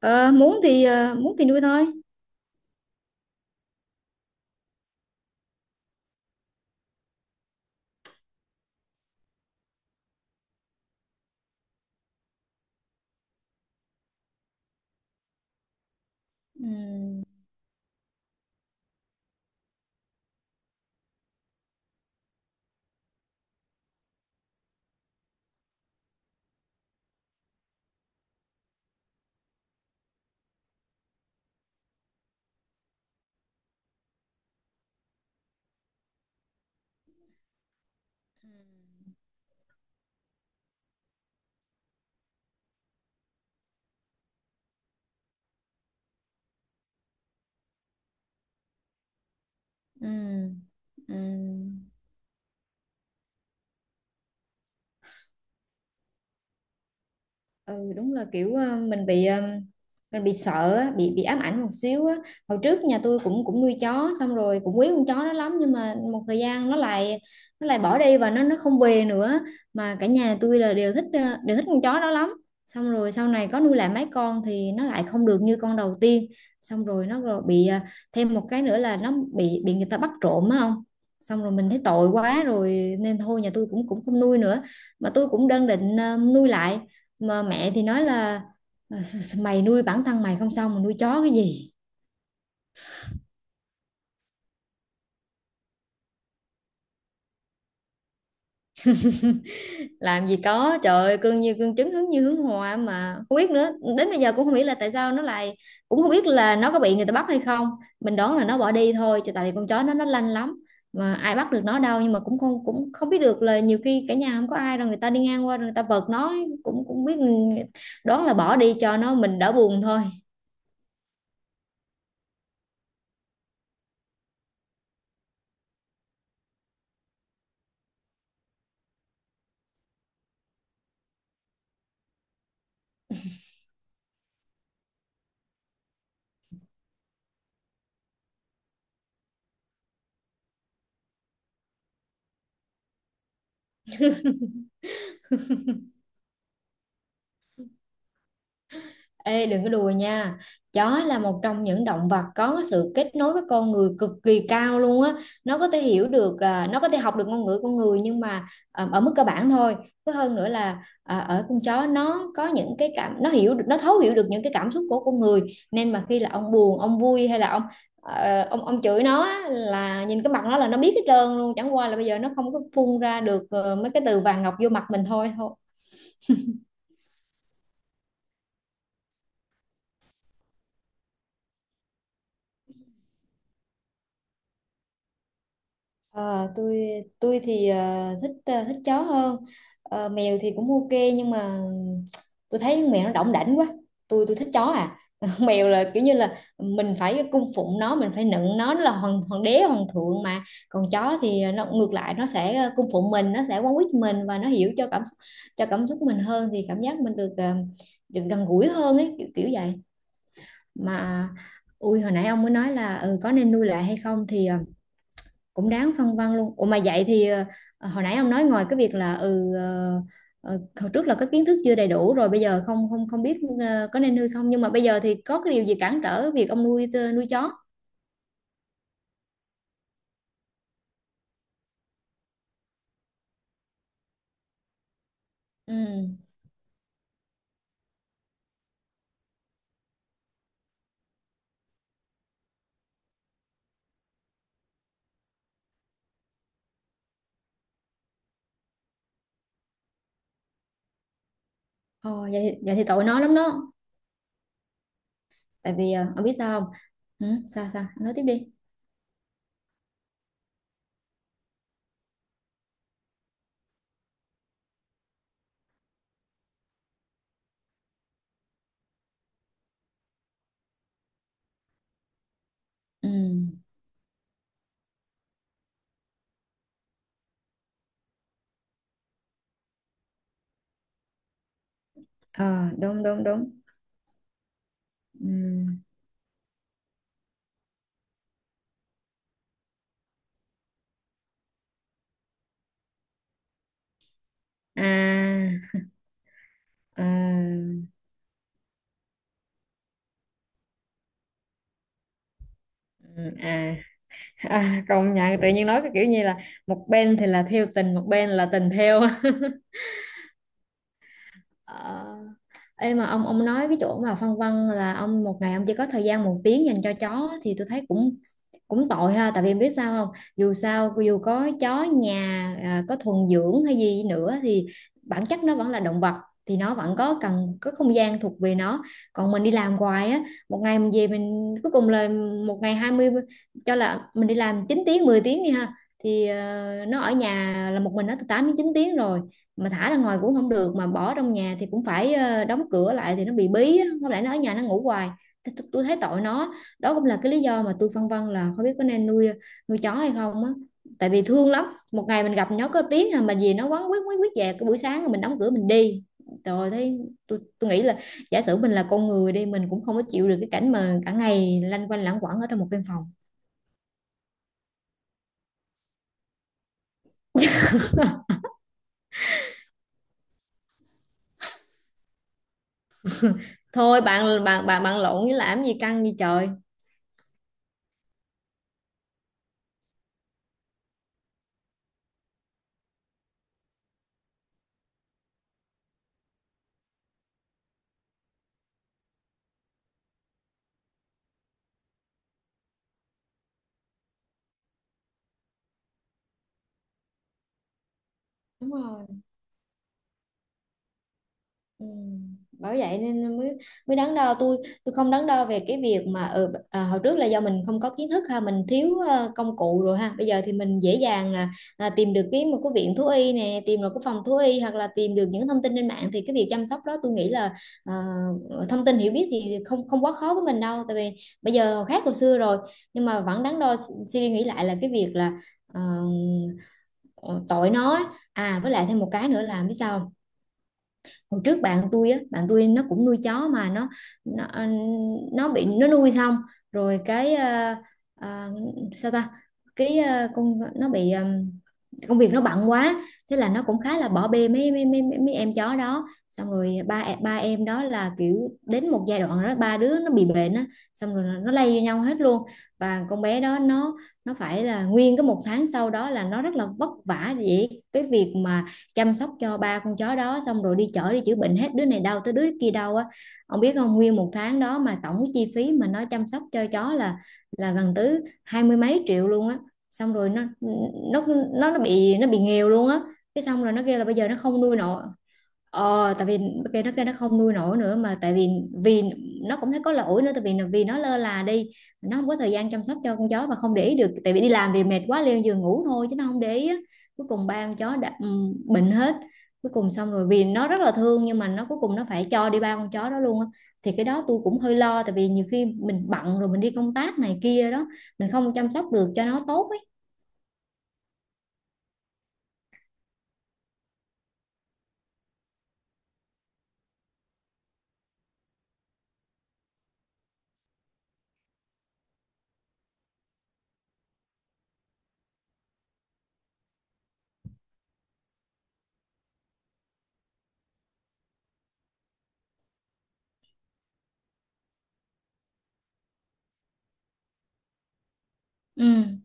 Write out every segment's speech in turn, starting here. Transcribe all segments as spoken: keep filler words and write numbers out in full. Ờ, muốn thì ờ, muốn thì nuôi thôi. Ừ. Ừ. Ừ, đúng là kiểu ờ, mình bị ờ, mình bị sợ á, bị bị ám ảnh một xíu á. Hồi trước nhà tôi cũng cũng nuôi chó, xong rồi cũng quý con chó đó lắm, nhưng mà một thời gian nó lại nó lại bỏ đi và nó nó không về nữa. Mà cả nhà tôi là đều thích ờ, đều thích con chó đó lắm. Xong rồi sau này có nuôi lại mấy con thì nó lại không được như con đầu tiên. Xong rồi nó rồi bị ờ, thêm một cái nữa là nó bị bị người ta bắt trộm á, không. Xong rồi mình thấy tội quá rồi nên thôi, nhà tôi cũng cũng không nuôi nữa. Mà tôi cũng đang định ờ, nuôi lại. Mà mẹ thì nói là: mày nuôi bản thân mày không xong mà nuôi chó cái gì. Làm gì có, trời ơi, cưng như cưng trứng hứng như hướng hoa mà không biết nữa. Đến bây giờ cũng không biết là tại sao nó lại, cũng không biết là nó có bị người ta bắt hay không. Mình đoán là nó bỏ đi thôi chứ, tại vì con chó nó nó lanh lắm. Mà ai bắt được nó đâu, nhưng mà cũng không cũng không biết được, là nhiều khi cả nhà không có ai rồi người ta đi ngang qua rồi người ta vật nó. Cũng cũng biết, ừ, đoán là bỏ đi cho nó mình đỡ buồn thôi. Ê, đừng có đùa nha. Chó là một trong những động vật có sự kết nối với con người cực kỳ cao luôn á. Nó có thể hiểu được, à, nó có thể học được ngôn ngữ con người. Nhưng mà à, ở mức cơ bản thôi. Với hơn nữa là à, ở con chó nó có những cái cảm. Nó hiểu được, nó thấu hiểu được những cái cảm xúc của con người. Nên mà khi là ông buồn, ông vui hay là ông ờ, ông ông chửi nó á, là nhìn cái mặt nó là nó biết hết trơn luôn, chẳng qua là bây giờ nó không có phun ra được ờ, mấy cái từ vàng ngọc vô mặt mình thôi. Ờ, tôi tôi thì ờ, thích ờ, thích chó hơn. Ờ, mèo thì cũng ok, nhưng mà tôi thấy con mèo nó đỏng đảnh quá. Tôi tôi thích chó à. Mèo là kiểu như là mình phải cung phụng nó, mình phải nựng nó nó là hoàng hoàng đế hoàng thượng. Mà còn chó thì nó ngược lại, nó sẽ ờ, cung phụng mình, nó sẽ quấn quýt mình, và nó hiểu cho cảm cho cảm xúc mình hơn, thì cảm giác mình được ờ, được gần gũi hơn ấy, kiểu kiểu vậy. Mà ui, hồi nãy ông mới nói là, ừ, có nên nuôi lại hay không, thì ờ, cũng đáng phân vân luôn. Ủa mà vậy thì ờ, ờ, hồi nãy ông nói, ngoài cái việc là ừ ờ, ờ, hồi trước là có kiến thức chưa đầy đủ, rồi bây giờ không không không biết ờ, có nên nuôi không, nhưng mà bây giờ thì có cái điều gì cản trở việc ông nuôi tơ- nuôi chó? Ừ. Ồ, vậy, thì- vậy thì tội nó lắm đó. Tại vì ờ, ông biết sao không. Ừ, sao sao, ông nói tiếp đi. Ừ, ờ đúng đúng đúng. Ừ. À. Ờ. Ừ. À. À, công nhận tự nhiên nói cái kiểu như là một bên thì là theo tình, một bên là tình theo. Ờ. Ê mà ông ông nói cái chỗ mà phân vân là ông một ngày ông chỉ có thời gian một tiếng dành cho chó, thì tôi thấy cũng cũng tội ha, tại vì em biết sao không, dù sao dù có chó nhà à, có thuần dưỡng hay gì nữa thì bản chất nó vẫn là động vật. Thì nó vẫn có cần có không gian thuộc về nó. Còn mình đi làm hoài á, một ngày mình về mình cuối cùng là, một ngày hai mươi, cho là mình đi làm chín tiếng mười tiếng đi ha, thì ờ, nó ở nhà là một mình nó từ tám đến chín tiếng rồi. Mà thả ra ngoài cũng không được, mà bỏ trong nhà thì cũng phải ờ, đóng cửa lại thì nó bị bí á. Nó lại nó ở nhà nó ngủ hoài. Thế tôi tôi thấy tội nó. Đó cũng là cái lý do mà tôi phân vân là không biết có nên nuôi nuôi chó hay không á. Tại vì thương lắm. Một ngày mình gặp nó có tiếng à, mà gì nó quấn quýt quýt quýt về cái buổi sáng, rồi mình đóng cửa mình đi. Trời ơi, thấy, tôi tôi nghĩ là, giả sử mình là con người đi, mình cũng không có chịu được cái cảnh mà cả ngày lanh quanh lãng quẩn ở trong một căn phòng. Thôi bạn bạn bạn bạn lộn với làm gì, căng gì trời. Đúng rồi. Ừ. Bởi vậy nên mới mới đắn đo. tôi tôi không đắn đo về cái việc mà ừ, à, hồi trước là do mình không có kiến thức ha, mình thiếu ờ, công cụ rồi ha, bây giờ thì mình dễ dàng là, là tìm được cái một cái viện thú y nè, tìm được cái phòng thú y, hoặc là tìm được những thông tin trên mạng, thì cái việc chăm sóc đó tôi nghĩ là ờ, thông tin hiểu biết thì không không quá khó với mình đâu, tại vì bây giờ khác hồi xưa rồi. Nhưng mà vẫn đắn đo, suy nghĩ lại là cái việc là ờ, ờ, tội nó á. À với lại thêm một cái nữa là biết sao không? Hồi trước bạn tôi á, bạn tôi nó cũng nuôi chó mà nó, nó, ờ, nó bị, nó nuôi xong rồi cái ờ, ờ, sao ta, cái ờ, con nó bị ờ, công việc nó bận quá. Thế là nó cũng khá là bỏ bê mấy mấy mấy mấy mấy em chó đó, xong rồi ba e- ba em đó là kiểu đến một giai đoạn đó ba đứa nó bị bệnh á. Xong rồi nó lây vô nhau hết luôn. Và con bé đó nó nó phải là nguyên cái một tháng sau đó là nó rất là vất vả, vậy cái việc mà chăm sóc cho ba con chó đó, xong rồi đi chở đi chữa bệnh hết, đứa này đau tới đứa kia đau á. Ông biết không, nguyên một tháng đó mà tổng cái chi phí mà nó chăm sóc cho chó là là gần tới hai mươi mấy triệu luôn á. Xong rồi nó nó nó nó bị nó bị nghèo luôn á. Cái xong rồi nó kêu là bây giờ nó không nuôi nổi. Ờ tại vì cái nó kêu nó không nuôi nổi nữa mà, tại vì vì nó cũng thấy có lỗi nữa, tại vì vì nó lơ là đi. Nó không có thời gian chăm sóc cho con chó và không để ý được, tại vì đi làm về mệt quá leo giường ngủ thôi chứ nó không để ý á. Cuối cùng ba con chó đã ừm, bệnh hết. Cuối cùng xong rồi, vì nó rất là thương, nhưng mà nó cuối cùng nó phải cho đi ba con chó đó luôn á. Thì cái đó tôi cũng hơi lo, tại vì nhiều khi mình bận rồi mình đi công tác này kia đó, mình không chăm sóc được cho nó tốt ấy. Ừ.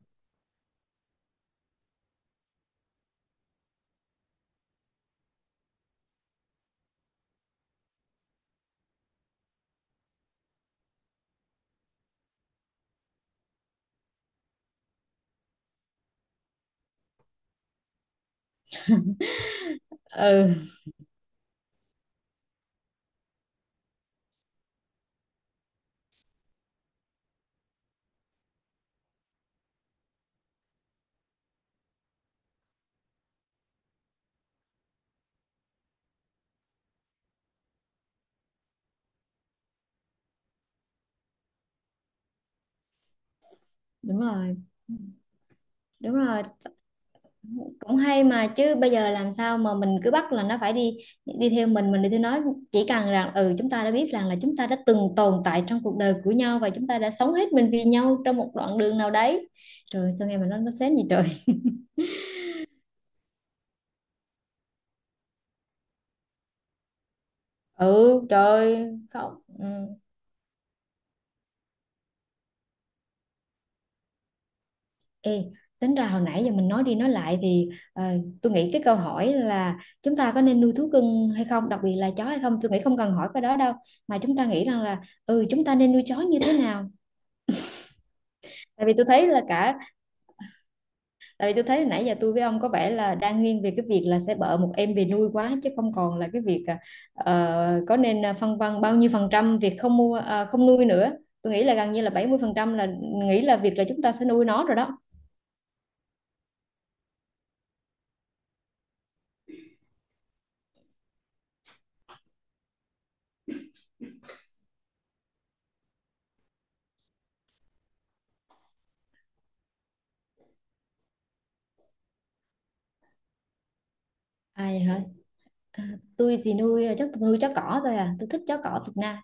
Ừ, đúng rồi, đúng rồi. Cũng hay mà, chứ bây giờ làm sao mà mình cứ bắt là nó phải đi, đi theo mình mình đi theo nó. Chỉ cần rằng ừ chúng ta đã biết rằng là chúng ta đã từng tồn tại trong cuộc đời của nhau, và chúng ta đã sống hết mình vì nhau trong một đoạn đường nào đấy. Rồi sao nghe mà nó nó sến gì trời. Ừ, trời, không. Ừ. Ê, tính ra hồi nãy giờ mình nói đi nói lại thì ờ, tôi nghĩ cái câu hỏi là chúng ta có nên nuôi thú cưng hay không, đặc biệt là chó hay không, tôi nghĩ không cần hỏi cái đó đâu, mà chúng ta nghĩ rằng là ừ chúng ta nên nuôi chó như thế nào. Tại vì tôi thấy là cả, tại vì tôi thấy nãy giờ tôi với ông có vẻ là đang nghiêng về cái việc là sẽ bợ một em về nuôi quá, chứ không còn là cái việc ờ, có nên ờ, phân vân bao nhiêu phần trăm việc không mua, ờ, không nuôi nữa. Tôi nghĩ là gần như là bảy mươi phần trăm là, nghĩ là việc là chúng ta sẽ nuôi nó rồi đó. À. À. Tôi thì nuôi à, chắc tôi nuôi chó cỏ thôi à, tôi thích chó cỏ Việt Nam.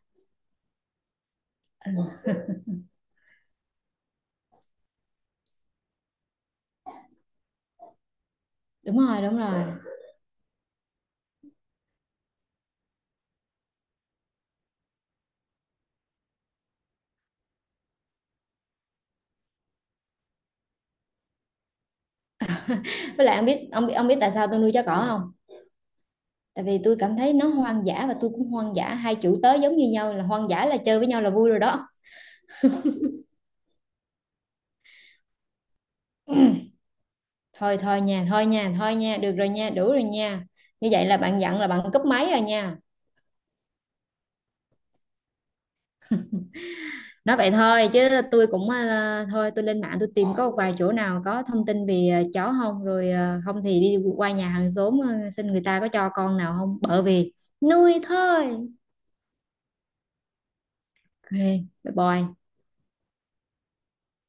Đúng rồi, đúng rồi. Với lại ông biết ông biết ông biết tại sao tôi nuôi chó cỏ không? Tại vì tôi cảm thấy nó hoang dã và tôi cũng hoang dã, hai chủ tớ giống như nhau là hoang dã, là chơi với nhau là vui rồi đó. Thôi thôi nha, thôi nha, thôi nha, được rồi nha, đủ rồi nha. Như vậy là bạn dặn là bạn cúp máy rồi nha. Nói vậy thôi chứ tôi cũng ờ, thôi tôi lên mạng tôi tìm có một vài chỗ nào có thông tin về ờ, chó không, rồi ờ, không thì đi qua nhà hàng xóm ờ, xin người ta có cho con nào không, bởi vì nuôi thôi. Ok. Bye bye.